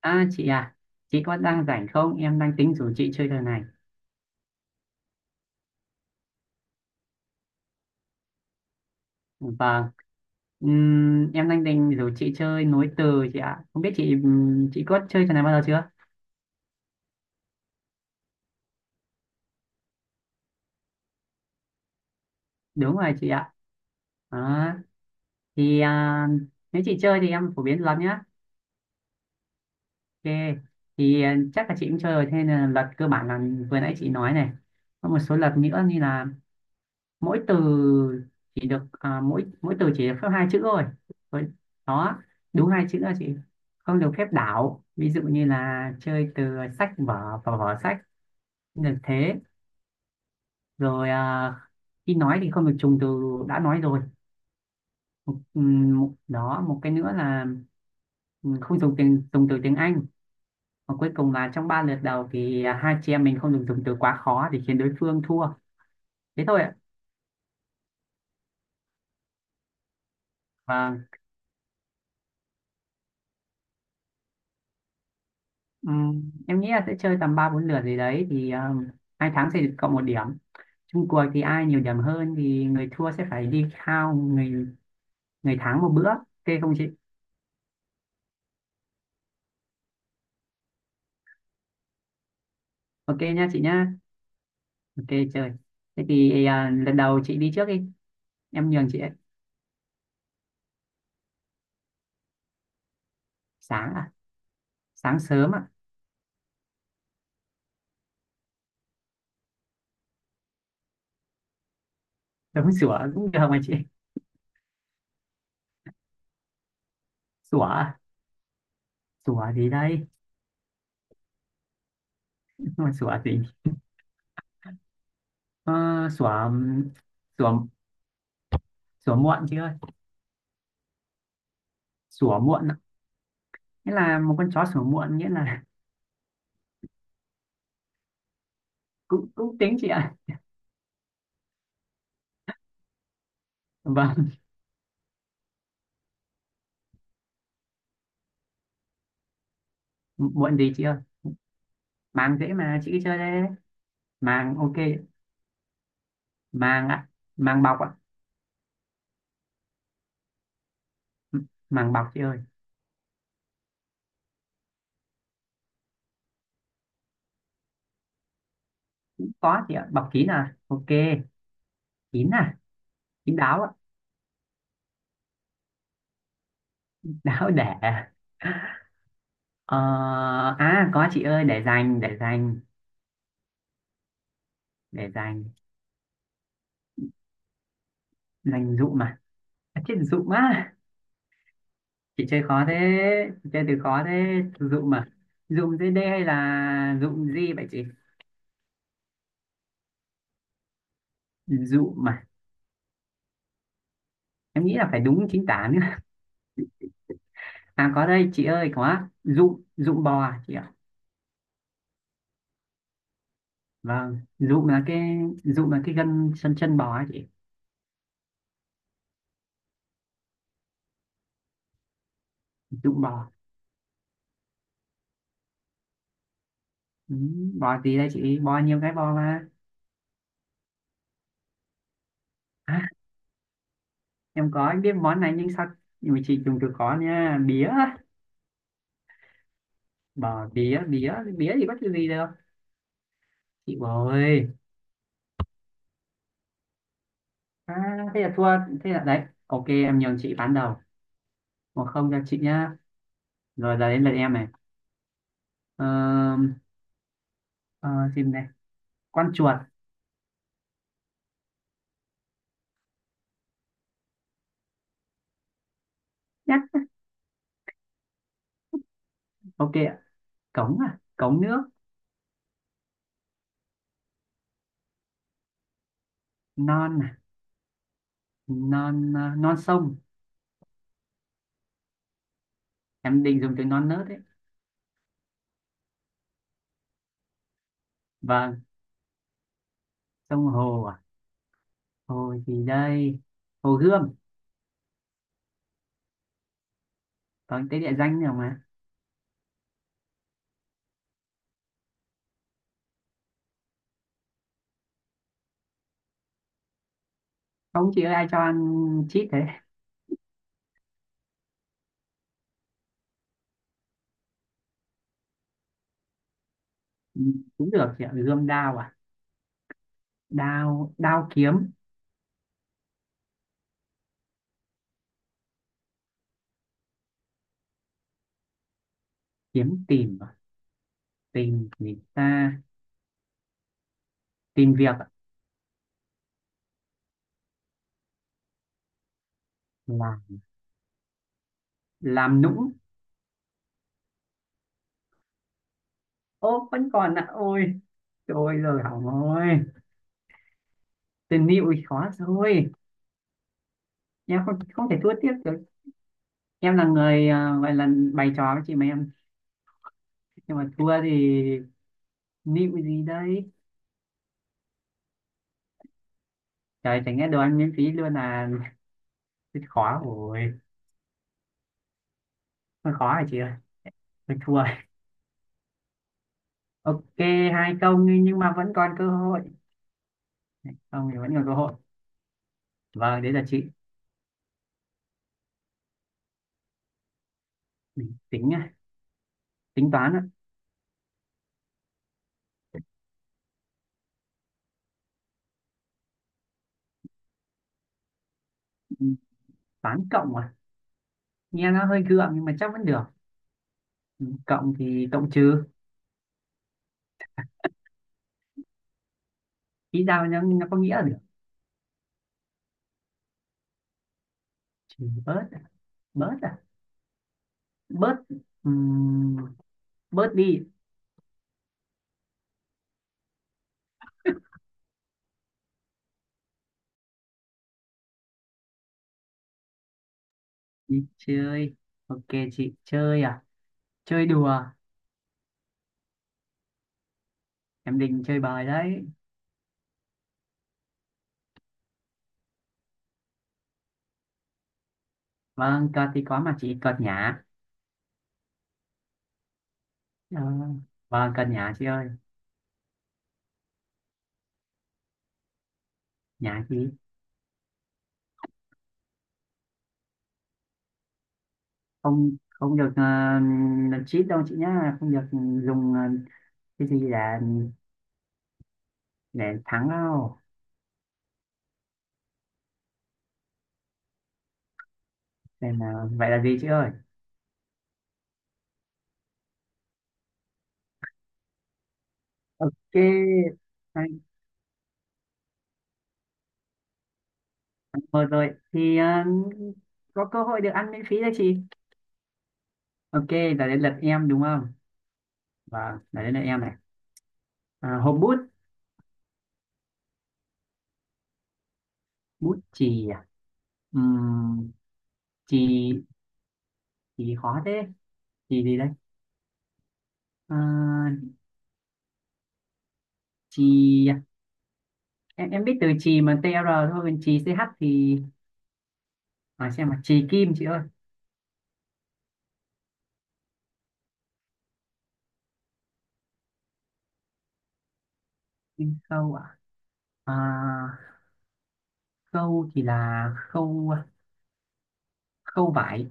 À, chị có đang rảnh không? Em đang tính rủ chị chơi trò này. Vâng. Em đang định rủ chị chơi nối từ chị ạ. Không biết chị, chị có chơi trò này bao giờ chưa? Đúng rồi chị ạ. Đó. Thì à, Nếu chị chơi thì em phổ biến lắm nhá. Ok, chắc là chị cũng chơi rồi. Thế nên là luật cơ bản là vừa nãy chị nói này. Có một số luật nữa như là mỗi từ chỉ được, mỗi mỗi từ chỉ được phép hai chữ thôi. Rồi, đó, đúng hai chữ, là chị không được phép đảo, ví dụ như là chơi từ sách vở và vở sách, không được thế. Rồi, khi nói thì không được trùng từ đã nói rồi. Đó một cái nữa là không dùng tiếng, dùng từ tiếng Anh, và cuối cùng là trong ba lượt đầu thì hai chị em mình không được dùng từ quá khó để khiến đối phương thua. Thế thôi ạ. Và... Ừ, em nghĩ là sẽ chơi tầm ba bốn lượt gì đấy thì hai tháng sẽ được cộng một điểm. Chung cuộc thì ai nhiều điểm hơn thì người thua sẽ phải đi khao người người thắng một bữa, ok không chị? Ok nha chị nhá. Ok, chơi. Thế thì lần đầu chị đi trước đi, em nhường chị ấy. Sáng à. Sáng sớm à. Đúng, sủa cũng được mà chị. Sủa à? Sủa gì đây? Mà sủa gì? ờ, Sủa, sủa, sủa muộn chị ơi. Sủa muộn ạ. Nghĩa là một con chó sủa muộn, nghĩa là... cũng cũng tính chị ạ. Vâng. Muộn gì chị ơi? Màng dễ mà chị, cứ chơi đây. Màng, ok. Màng ạ. Màng bọc ạ. Màng bọc chị ơi. Có chị ạ, bọc kín à, ok. Kín à. Kín đáo ạ. Đáo để. ờ, có chị ơi, để dành, để dành. Để dành. Dành dụ mà. À, chết, dụ á. Chị chơi khó thế. Chị chơi từ khó thế, dụ mà. Dụ dưới đây hay là dụ gì vậy chị? Dụ mà. Em nghĩ là phải đúng chính tả nữa. À, có đây chị ơi, có dụ, dụ bò à chị ạ. Vâng, dụm là cái gân chân chân bò ấy chị. Dụm bò. Ừ, bò gì đây chị, bò nhiều cái bò mà. À, em có, em biết món này nhưng sao, nhưng mà chị dùng từ có nha, bía. Bò bía, bía, bía thì có cái gì đâu chị, bò ơi. À, thế là thua. Thế là đấy, ok em nhường chị bán đầu, một không cho chị nhá. Rồi giờ đến lượt em này. ờ, ờ, xem này, con chuột. Nhá, ok ạ. Cống à, cống nước. Non à. Non à, non sông. Em định dùng từ non nớt đấy. Vâng, sông hồ à. Hồ gì đây? Hồ Gươm, có cái địa danh nào mà. Không chị ơi, ai cho ăn chít thế. Ừ, cũng được chị ạ, Gươm Đao à. Đao, Đao kiếm. Kiếm tìm à? Tìm gì ta? Tìm việc à? Là làm nũng. Ô vẫn còn ạ, ôi trời, rồi hỏng rồi. Tình yêu thì khó rồi. Em không không thể thua tiếp được. Em là người, gọi là bày trò với chị mà em, nhưng mà thua thì... Nịu gì đây? Trời, chẳng nghe đồ ăn miễn phí luôn à. Rất khó rồi. Hơi khó hả chị ơi? Hơi thua rồi. Ok, hai không đi, nhưng mà vẫn còn cơ hội. Không, thì vẫn còn cơ hội. Vâng, đấy là chị. Ừ, tính nhá. Tính toán ạ. Ừ, toán cộng à, nghe nó hơi gượng nhưng mà chắc vẫn được. Ừ, cộng thì cộng trừ. Ý ra nó có nghĩa là được. Trừ bớt à? Bớt à. Bớt. ừm, Bớt đi. Đi chơi, ok. Chị chơi à? Chơi đùa. Em định chơi bời đấy. Vâng, cợt thì có mà chị, cợt nhả. Ờ, vâng, cợt nhả chị ơi. Nhả gì? Không, không được, cheat đâu chị nhá, không được dùng, cái gì để thắng đâu. Nên là vậy là gì chị ơi? Ok, hay. Thôi rồi thì, có cơ hội được ăn miễn phí đấy chị. Ok, là đến lượt em đúng không? Và là đến lượt em này. À, hộp bút. Bút chì à. Ừm, Chì. Chì khó thế. Chì gì đây? À, chì à? Em biết từ chì mà, thôi còn chì thì xem mà, chì kim chị ơi. Kim khâu à? À, khâu thì là khâu, khâu vải.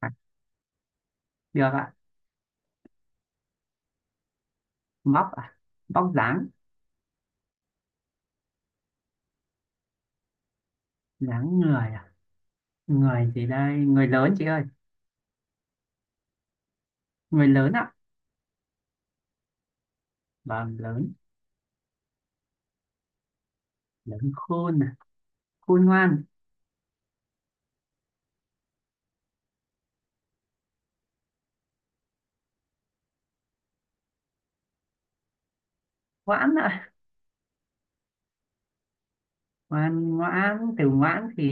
À, được ạ. Móc à. Móc dáng. Dáng người à. Người gì đây, người lớn chị ơi. Người lớn ạ. Vâng, lớn. Lớn khôn à. Khôn ngoan. Ngoãn ạ. Ngoan ngoãn, từ ngoãn thì...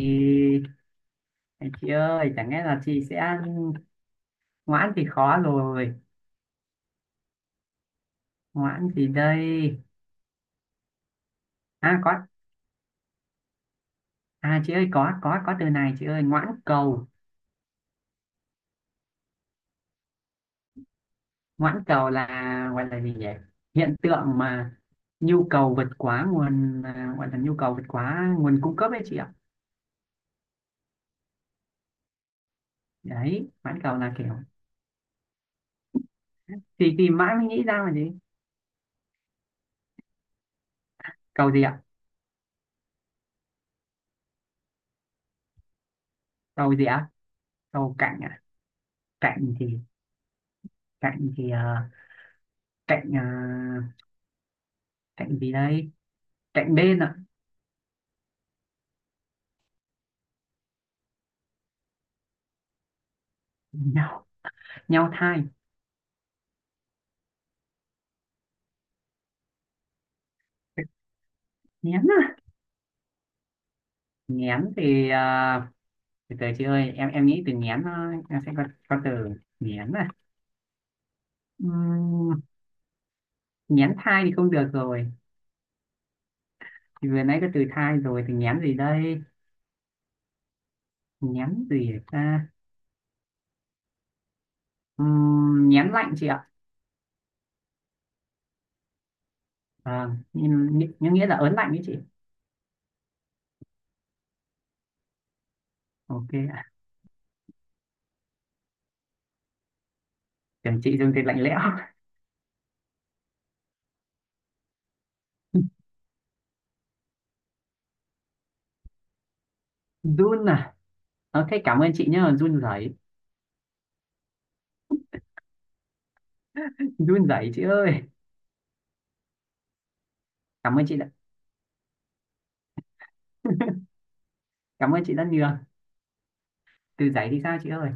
À, chị ơi chẳng lẽ là chị sẽ... Ngoãn thì khó rồi. Ngoãn gì đây? À có à, chị ơi, có từ này chị ơi, ngoãn cầu. Ngoãn cầu là, gọi là gì nhỉ? Hiện tượng mà nhu cầu vượt quá nguồn, gọi là nhu cầu vượt quá nguồn cung cấp ấy chị ạ. Đấy, ngoãn cầu là kiểu... thì mãi mới nghĩ ra là gì? Cầu gì ạ? Cầu gì ạ? Cầu cạnh ạ. Cạnh thì Cạnh thì cạnh à, cạnh gì đây? Cạnh bên ạ. Nhau, nhau thai. Nghén à. Nghén thì từ từ chị ơi, em nghĩ từ nghén, em sẽ có từ, nghén à. Ừm, Nghén thai thì không được rồi, thì vừa nãy có từ thai rồi, thì nhém gì đây? Nhém gì ta? Nhém lạnh chị ạ. Ờ, nhưng nghĩa là ớn lạnh đấy chị. Ok ạ. Tưởng chị dùng từ lạnh lẽo. Run à. Ok, cảm ơn chị nhá, run rẩy. Run rẩy chị ơi. Cảm ơn chị đã, cảm ơn chị rất nhiều. Từ giấy thì sao chị ơi?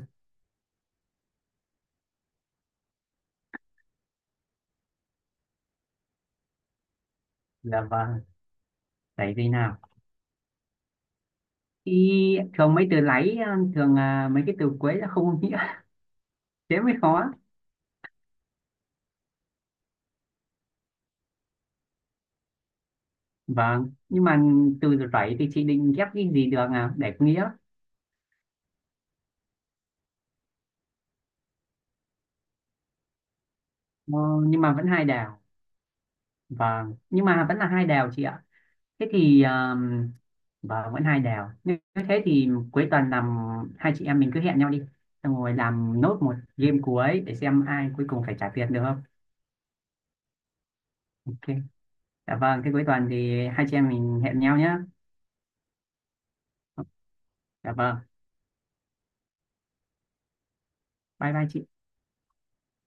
Dạ vâng. Giấy gì nào? Thì thường mấy từ lấy, thường mấy cái từ cuối là không có nghĩa. Thế mới khó. Vâng, nhưng mà từ rẩy thì chị định ghép cái gì được à để có nghĩa. ờ, nhưng mà vẫn hai đều. Vâng, nhưng mà vẫn là hai đều chị ạ. Thế thì, vâng, vẫn hai đều. Nếu thế thì cuối tuần làm, hai chị em mình cứ hẹn nhau đi. Xong rồi làm nốt một game cuối để xem ai cuối cùng phải trả tiền được không? Ok. Dạ vâng, thế cuối tuần thì hai chị em mình hẹn nhau nhé. Dạ vâng. Bye bye chị.